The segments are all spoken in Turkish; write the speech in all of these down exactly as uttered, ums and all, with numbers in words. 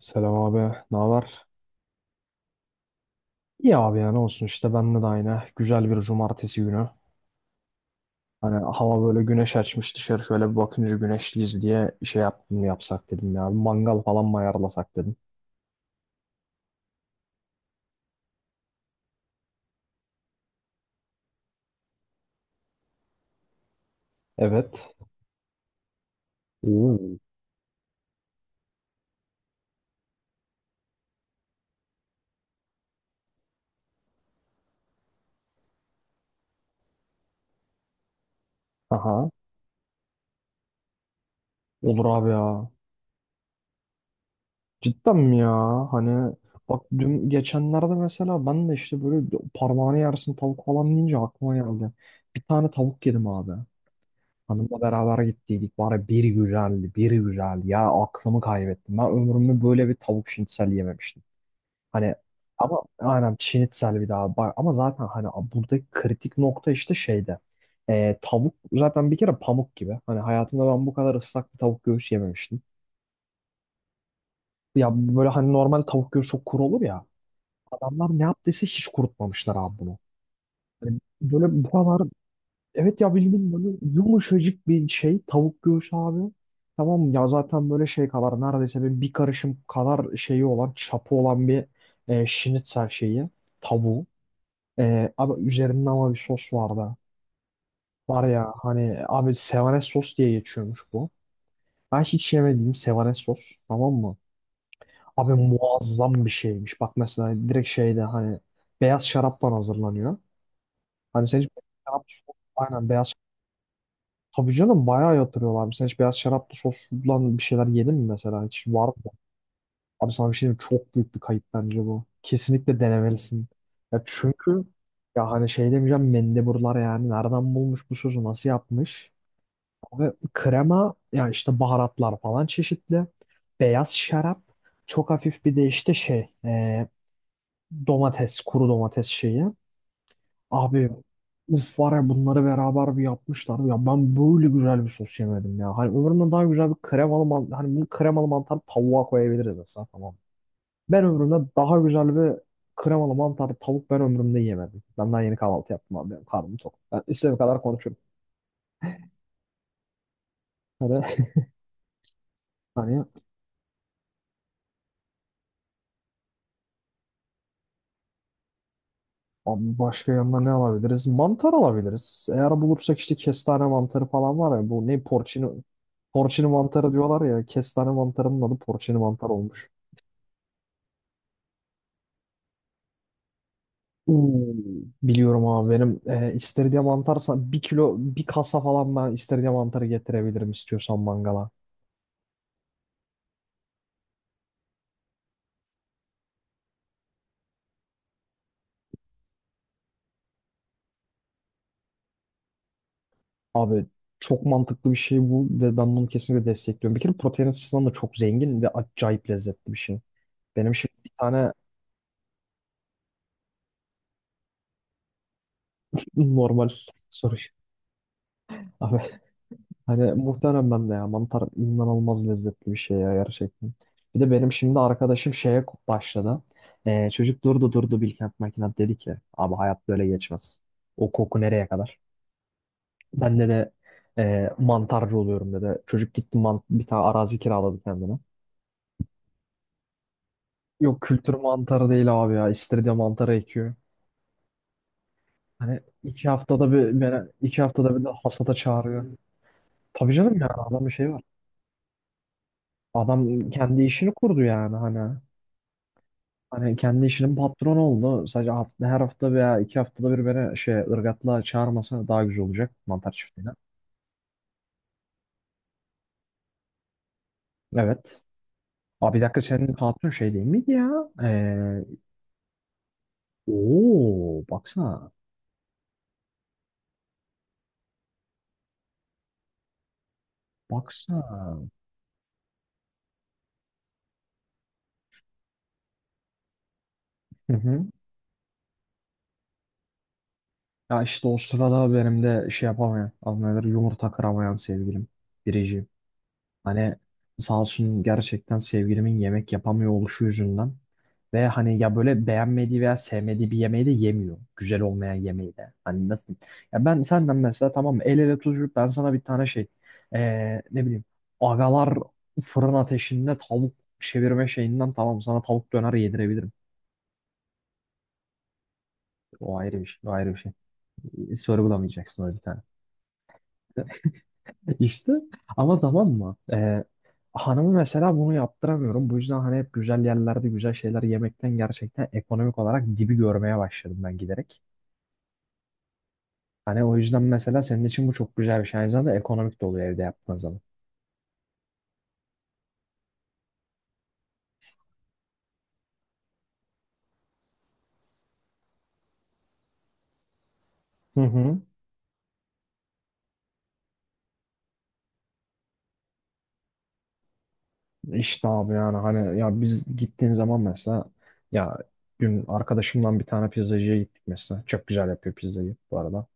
Selam abi, ne haber? İyi abi ya ne olsun işte bende de aynı. Güzel bir cumartesi günü. Hani hava böyle güneş açmış dışarı şöyle bir bakınca güneşliyiz diye şey yaptım yapsak dedim ya. Bir mangal falan mı ayarlasak dedim. Evet. Oo. Aha. Olur abi ya. Cidden mi ya? Hani bak dün geçenlerde mesela ben de işte böyle parmağını yersin tavuk falan deyince aklıma geldi. Bir tane tavuk yedim abi. Hanımla beraber gittiydik. Bari bir güzeldi, bir güzel. Ya aklımı kaybettim. Ben ömrümde böyle bir tavuk şinitsel yememiştim. Hani ama aynen şinitsel bir daha. Bak, ama zaten hani buradaki kritik nokta işte şeyde. Ee, tavuk zaten bir kere pamuk gibi. Hani hayatımda ben bu kadar ıslak bir tavuk göğüs yememiştim. Ya böyle hani normal tavuk göğsü çok kuru olur ya. Adamlar ne yaptıysa hiç kurutmamışlar abi bunu. Hani böyle bu kadar evet ya bildiğin böyle yumuşacık bir şey tavuk göğsü abi. Tamam mı? Ya zaten böyle şey kadar neredeyse böyle bir karışım kadar şeyi olan çapı olan bir e, şinitzel şeyi tavuğu. E, abi üzerinde ama bir sos vardı. Var ya hani abi sevanes sos diye geçiyormuş bu. Ben hiç yemediğim sevanes sos tamam mı? Abi muazzam bir şeymiş. Bak mesela direkt şeyde hani beyaz şaraptan hazırlanıyor. Hani sen hiç beyaz şarap, aynen beyaz. Tabii canım bayağı yatırıyorlar abi. Sen hiç beyaz şaraplı soslan bir şeyler yedin mi mesela? Hiç var mı? Abi sana bir şey diyeyim mi? Çok büyük bir kayıp bence bu. Kesinlikle denemelisin. Ya çünkü ya hani şey demeyeceğim mendeburlar yani. Nereden bulmuş bu sosu? Nasıl yapmış? Ve krema ya işte baharatlar falan çeşitli. Beyaz şarap. Çok hafif bir de işte şey e, domates, kuru domates şeyi. Abi uf var ya bunları beraber bir yapmışlar. Ya ben böyle güzel bir sos yemedim ya. Hani ömrümde daha güzel bir kremalı mantar. Hani bunu kremalı mantar tavuğa koyabiliriz mesela tamam. Ben ömrümde daha güzel bir kremalı mantarlı tavuk ben ömrümde yemedim. Ben daha yeni kahvaltı yaptım abi. Benim karnım tok. Ben istediğim kadar konuşurum. Hani, hani abi başka yanına ne alabiliriz? Mantar alabiliriz. Eğer bulursak işte kestane mantarı falan var ya. Bu ne porcini. Porcini mantarı diyorlar ya. Kestane mantarının adı porcini mantar olmuş. Oo, biliyorum abi benim e, istiridye mantarsa bir kilo bir kasa falan ben istiridye mantarı getirebilirim istiyorsan mangala. Abi çok mantıklı bir şey bu ve ben bunu kesinlikle destekliyorum. Bir kere protein açısından da çok zengin ve acayip lezzetli bir şey. Benim şimdi bir tane normal soru. Abi hani muhtemelen ben de ya mantar inanılmaz lezzetli bir şey ya gerçekten. Bir de benim şimdi arkadaşım şeye başladı. Ee, çocuk durdu durdu Bilkent Makinat dedi ki abi hayat böyle geçmez. O koku nereye kadar? Ben de de e, mantarcı oluyorum dedi. Çocuk gitti man bir tane arazi kiraladı kendine. Yok kültür mantarı değil abi ya. İstiridye mantarı ekiyor. Hani iki haftada bir beni iki haftada bir de hasata çağırıyor. Tabii canım ya adam bir şey var. Adam kendi işini kurdu yani hani. Hani kendi işinin patronu oldu. Sadece hafta, her hafta veya iki haftada bir beni şey ırgatla çağırmasa daha güzel olacak mantar çiftliğine. Evet. Abi bir dakika senin patron şey değil miydi ya? Ee, ooo baksana. Baksana. Hı hı. Ya işte o sırada benim de şey yapamayan, anlayılır yumurta kıramayan sevgilim. Biricim. Hani sağ olsun gerçekten sevgilimin yemek yapamıyor oluşu yüzünden. Ve hani ya böyle beğenmediği veya sevmediği bir yemeği de yemiyor. Güzel olmayan yemeği de. Hani nasıl diyeyim? Ya ben senden mesela tamam mı? El ele tutuşup ben sana bir tane şey ee, ne bileyim agalar fırın ateşinde tavuk çevirme şeyinden tamam sana tavuk döner yedirebilirim. O ayrı bir şey. O ayrı bir şey. E, Sorgulamayacaksın öyle bir tane. İşte ama tamam mı? Ee, hanımı mesela bunu yaptıramıyorum. Bu yüzden hani hep güzel yerlerde güzel şeyler yemekten gerçekten ekonomik olarak dibi görmeye başladım ben giderek. Hani o yüzden mesela senin için bu çok güzel bir şey. Aynı zamanda ekonomik de oluyor evde yaptığın zaman. Hı hı. İşte abi yani hani ya biz gittiğin zaman mesela ya dün arkadaşımdan bir tane pizzacıya gittik mesela. Çok güzel yapıyor pizzayı bu arada.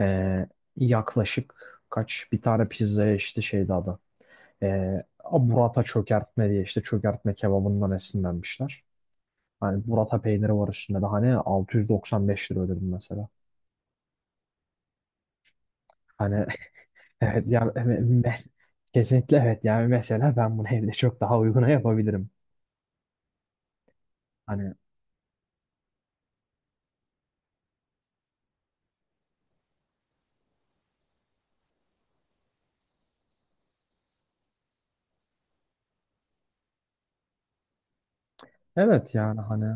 Ee, yaklaşık kaç bir tane pizzaya işte şeydi adı. Ee, burrata çökertme diye işte çökertme kebabından esinlenmişler. Hani burrata peyniri var üstünde de hani altı yüz doksan beş lira ödedim mesela. Hani evet yani me- mes- kesinlikle evet yani mesela ben bunu evde çok daha uyguna yapabilirim. Hani evet yani hani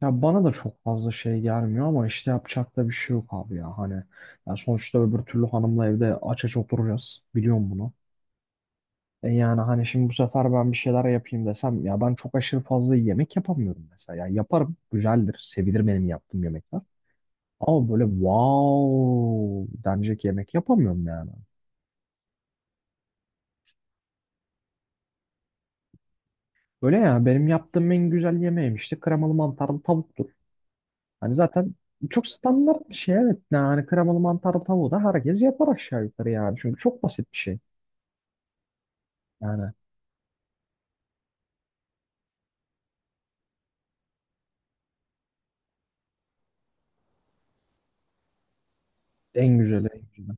ya bana da çok fazla şey gelmiyor ama işte yapacak da bir şey yok abi ya hani ya sonuçta öbür türlü hanımla evde aç aç oturacağız biliyorum bunu. E yani hani şimdi bu sefer ben bir şeyler yapayım desem ya ben çok aşırı fazla yemek yapamıyorum mesela. Ya yaparım güzeldir sevilir benim yaptığım yemekler ama böyle wow denecek yemek yapamıyorum yani. Öyle ya benim yaptığım en güzel yemeğim işte kremalı mantarlı tavuktur. Hani zaten çok standart bir şey evet. Yani kremalı mantarlı tavuğu da herkes yapar aşağı yukarı yani. Çünkü çok basit bir şey. Yani en güzeli en güzeli.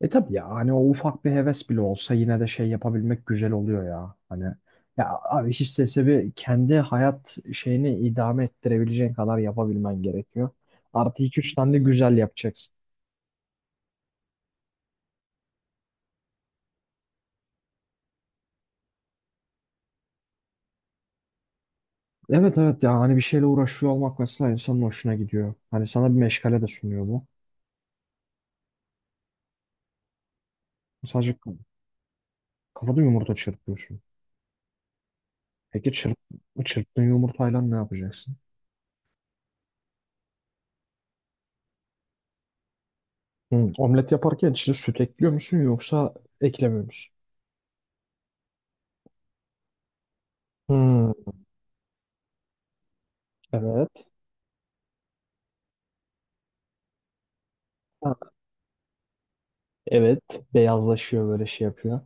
E tabii ya hani o ufak bir heves bile olsa yine de şey yapabilmek güzel oluyor ya. Hani ya abi hiç istese bir kendi hayat şeyini idame ettirebileceğin kadar yapabilmen gerekiyor. Artı iki üç tane de güzel yapacaksın. Evet evet ya hani bir şeyle uğraşıyor olmak mesela insanın hoşuna gidiyor. Hani sana bir meşgale de sunuyor bu. Sadece kafada yumurta çırpıyorsun. Peki çırp, çırptığın yumurtayla ne yapacaksın? Hmm. Omlet yaparken içine süt ekliyor musun yoksa eklemiyor musun? Hmm, evet. Ha, evet. Beyazlaşıyor böyle şey yapıyor.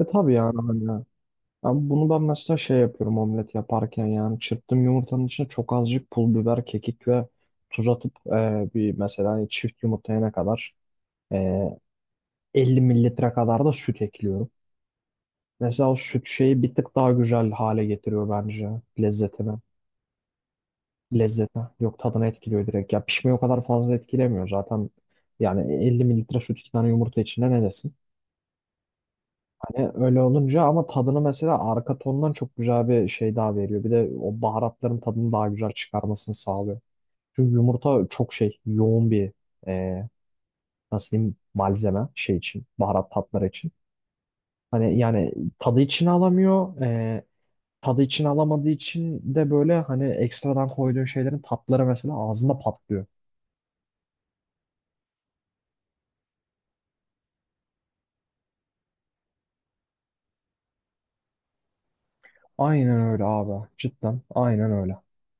E tabii yani hani ya. Ama bunu ben mesela şey yapıyorum omlet yaparken yani çırptığım yumurtanın içine çok azıcık pul biber, kekik ve tuz atıp e, bir mesela hani çift yumurtayana kadar elli mililitre kadar da süt ekliyorum. Mesela o süt şeyi bir tık daha güzel hale getiriyor bence lezzetini. Lezzetine. Yok tadını etkiliyor direkt. Ya pişmeyi o kadar fazla etkilemiyor zaten. Yani elli mililitre süt iki tane yumurta içinde ne desin? Hani öyle olunca ama tadını mesela arka tondan çok güzel bir şey daha veriyor. Bir de o baharatların tadını daha güzel çıkarmasını sağlıyor. Çünkü yumurta çok şey yoğun bir e, nasıl diyeyim malzeme şey için baharat tatları için. Hani yani tadı içine alamıyor. E, tadı içine alamadığı için de böyle hani ekstradan koyduğun şeylerin tatları mesela ağzında patlıyor. Aynen öyle abi. Cidden aynen öyle.